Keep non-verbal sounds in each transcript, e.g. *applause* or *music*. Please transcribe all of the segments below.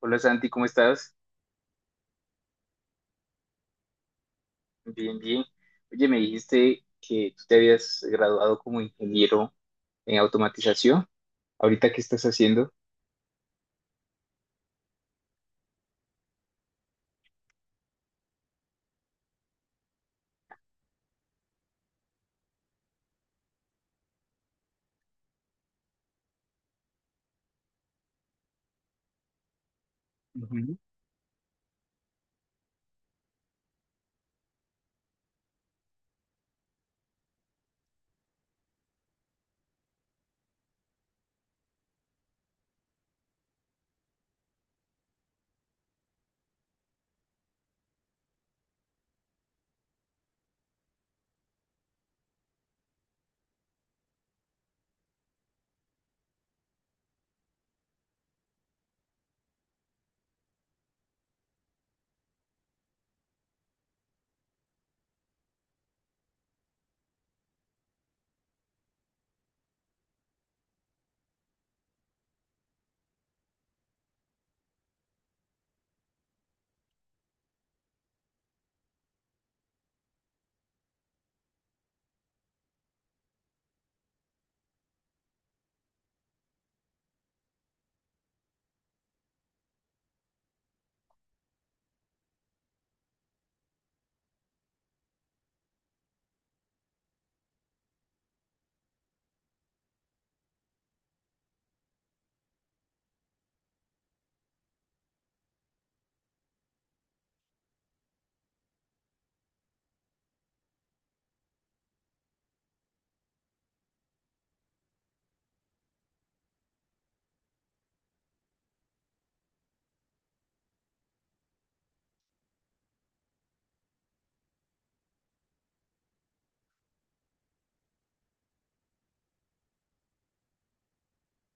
Hola Santi, ¿cómo estás? Bien, bien. Oye, me dijiste que tú te habías graduado como ingeniero en automatización. ¿Ahorita qué estás haciendo? Ujú.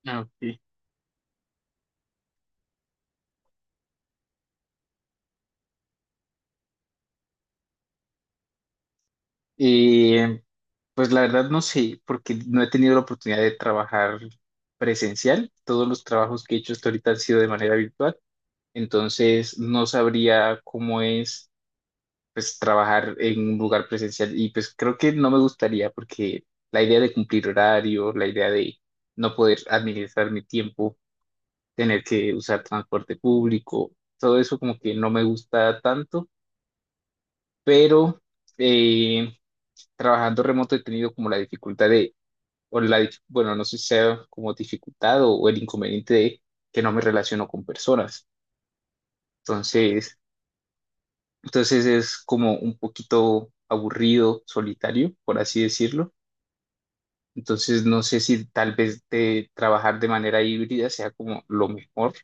Ah, ok. Eh, pues la verdad no sé, porque no he tenido la oportunidad de trabajar presencial. Todos los trabajos que he hecho hasta ahorita han sido de manera virtual. Entonces no sabría cómo es, pues trabajar en un lugar presencial, y pues creo que no me gustaría porque la idea de cumplir horario, la idea de no poder administrar mi tiempo, tener que usar transporte público, todo eso como que no me gusta tanto. Pero eh, trabajando remoto he tenido como la dificultad de, o la, bueno, no sé si sea como dificultad o el inconveniente de que no me relaciono con personas. Entonces, entonces es como un poquito aburrido, solitario, por así decirlo. Entonces, no sé si tal vez de trabajar de manera híbrida sea como lo mejor.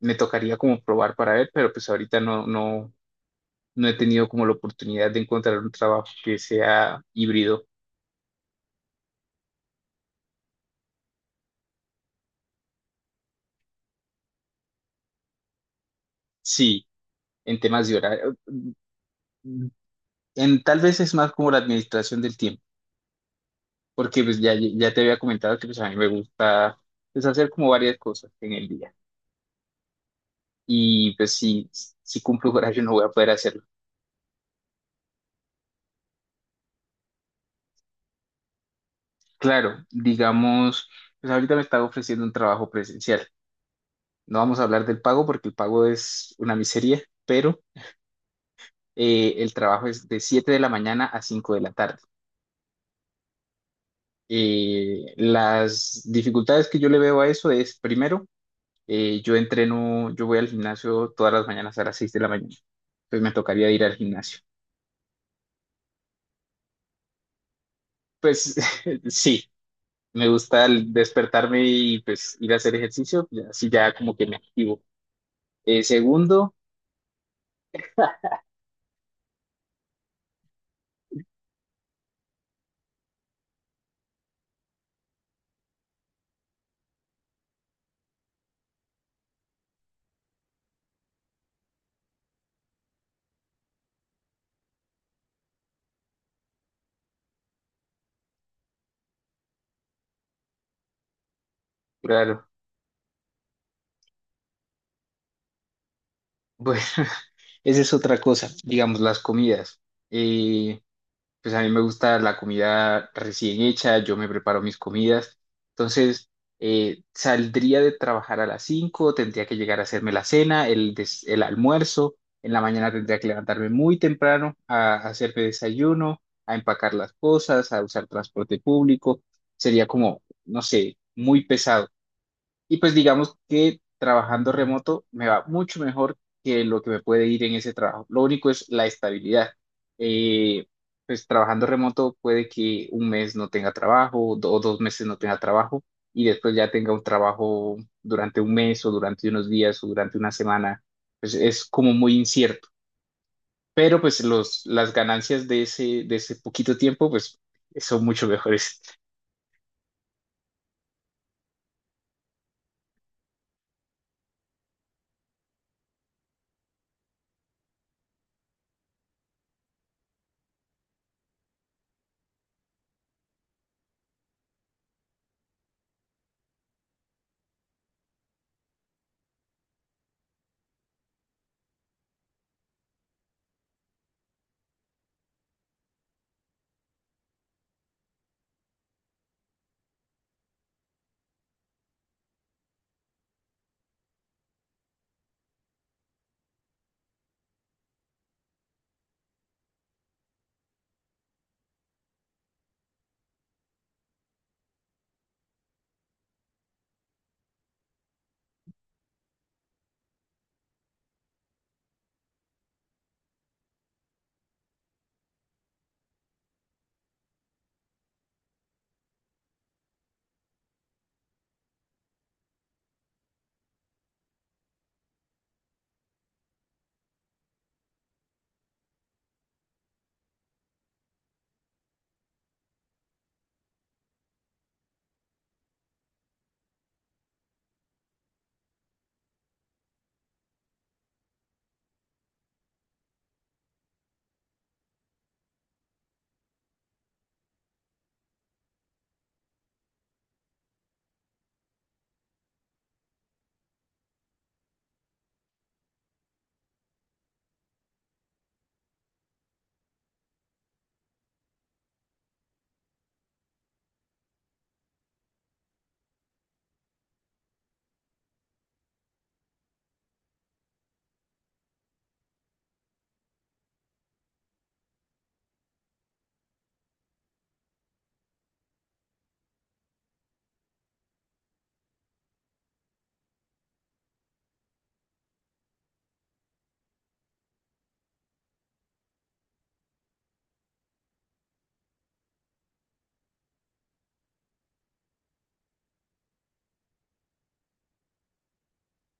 Me tocaría como probar para ver, pero pues ahorita no he tenido como la oportunidad de encontrar un trabajo que sea híbrido. Sí, en temas de horario. Mm, en, tal vez es más como la administración del tiempo, porque pues ya te había comentado que pues a mí me gusta pues hacer como varias cosas en el día. Y pues si cumplo horario no voy a poder hacerlo. Claro, digamos... Pues ahorita me está ofreciendo un trabajo presencial. No vamos a hablar del pago porque el pago es una miseria, pero el trabajo es de 7 de la mañana a 5 de la tarde. Las dificultades que yo le veo a eso es, primero, yo entreno, yo voy al gimnasio todas las mañanas a las 6 de la mañana, pues me tocaría ir al gimnasio. Pues *laughs* sí, me gusta el despertarme y pues ir a hacer ejercicio, así ya como que me activo. Eh, segundo, claro, bueno, *laughs* esa es otra cosa, digamos, las comidas. Eh, pues a mí me gusta la comida recién hecha, yo me preparo mis comidas. Entonces, saldría de trabajar a las 5, tendría que llegar a hacerme la cena, el, el almuerzo. En la mañana tendría que levantarme muy temprano a hacerme desayuno, a empacar las cosas, a usar transporte público. Sería como, no sé, muy pesado. Y pues digamos que trabajando remoto me va mucho mejor que lo que me puede ir en ese trabajo. Lo único es la estabilidad. Eh, pues trabajando remoto puede que un mes no tenga trabajo o dos meses no tenga trabajo, y después ya tenga un trabajo durante un mes o durante unos días o durante una semana. Pues es como muy incierto. Pero pues los, las ganancias de ese poquito tiempo pues son mucho mejores.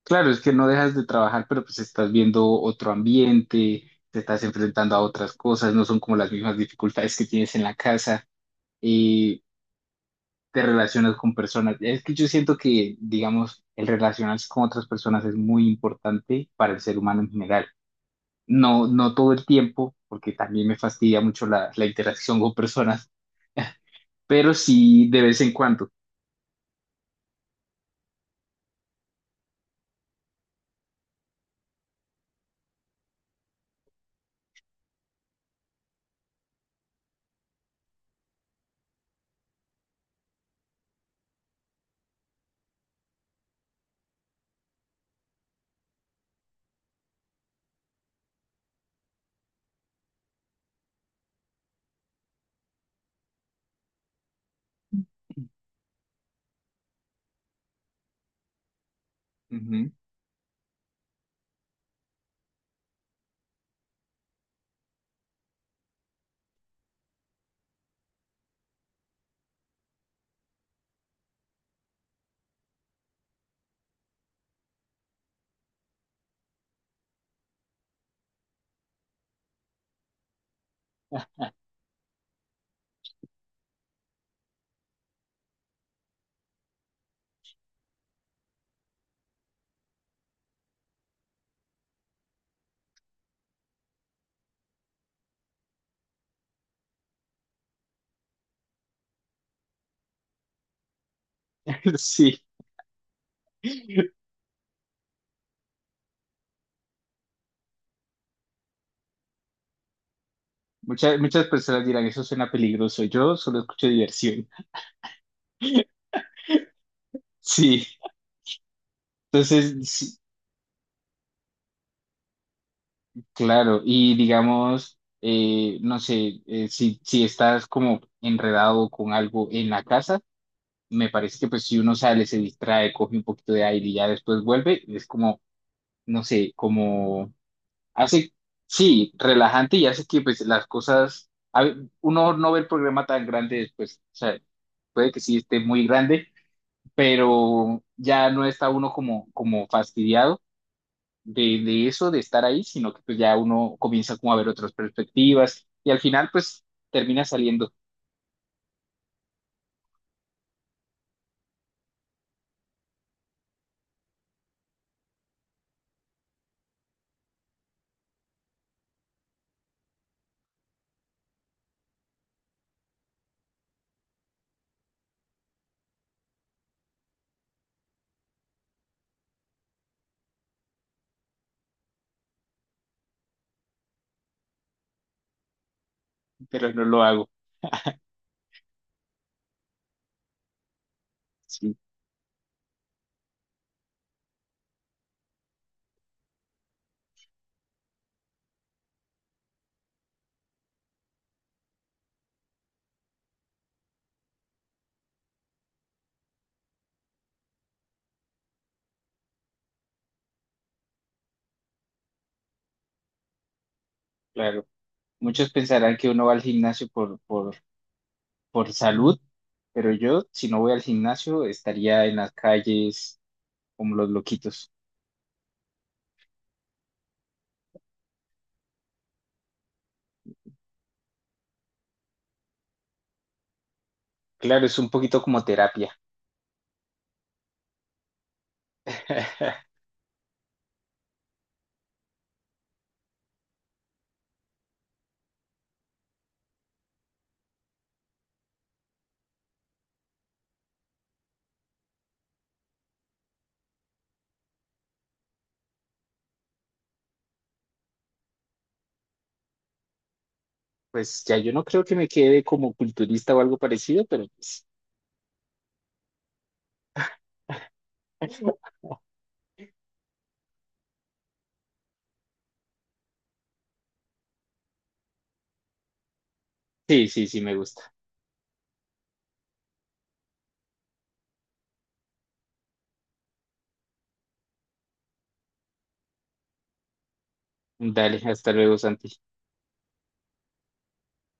Claro, es que no dejas de trabajar, pero pues estás viendo otro ambiente, te estás enfrentando a otras cosas, no son como las mismas dificultades que tienes en la casa, y te relacionas con personas. Es que yo siento que, digamos, el relacionarse con otras personas es muy importante para el ser humano en general. No, no todo el tiempo, porque también me fastidia mucho la, la interacción con personas, *laughs* pero sí de vez en cuando. Ujú. *laughs* Sí, muchas, muchas personas dirán, eso suena peligroso. Yo solo escucho diversión. Sí, entonces, sí, claro, y digamos, no sé, si, si estás como enredado con algo en la casa, me parece que pues si uno sale, se distrae, coge un poquito de aire y ya después vuelve, es como, no sé, como hace, sí, relajante, y hace que pues las cosas, uno no ve el programa tan grande después, o sea, puede que sí esté muy grande, pero ya no está uno como, como fastidiado de eso, de estar ahí, sino que pues ya uno comienza como a ver otras perspectivas y al final pues termina saliendo, pero no lo hago. Sí, claro. Muchos pensarán que uno va al gimnasio por salud, pero yo si no voy al gimnasio estaría en las calles como los loquitos. Claro, es un poquito como terapia. *laughs* Pues ya yo no creo que me quede como culturista o algo parecido, pero pues *laughs* sí, sí, sí me gusta. Dale, hasta luego, Santi.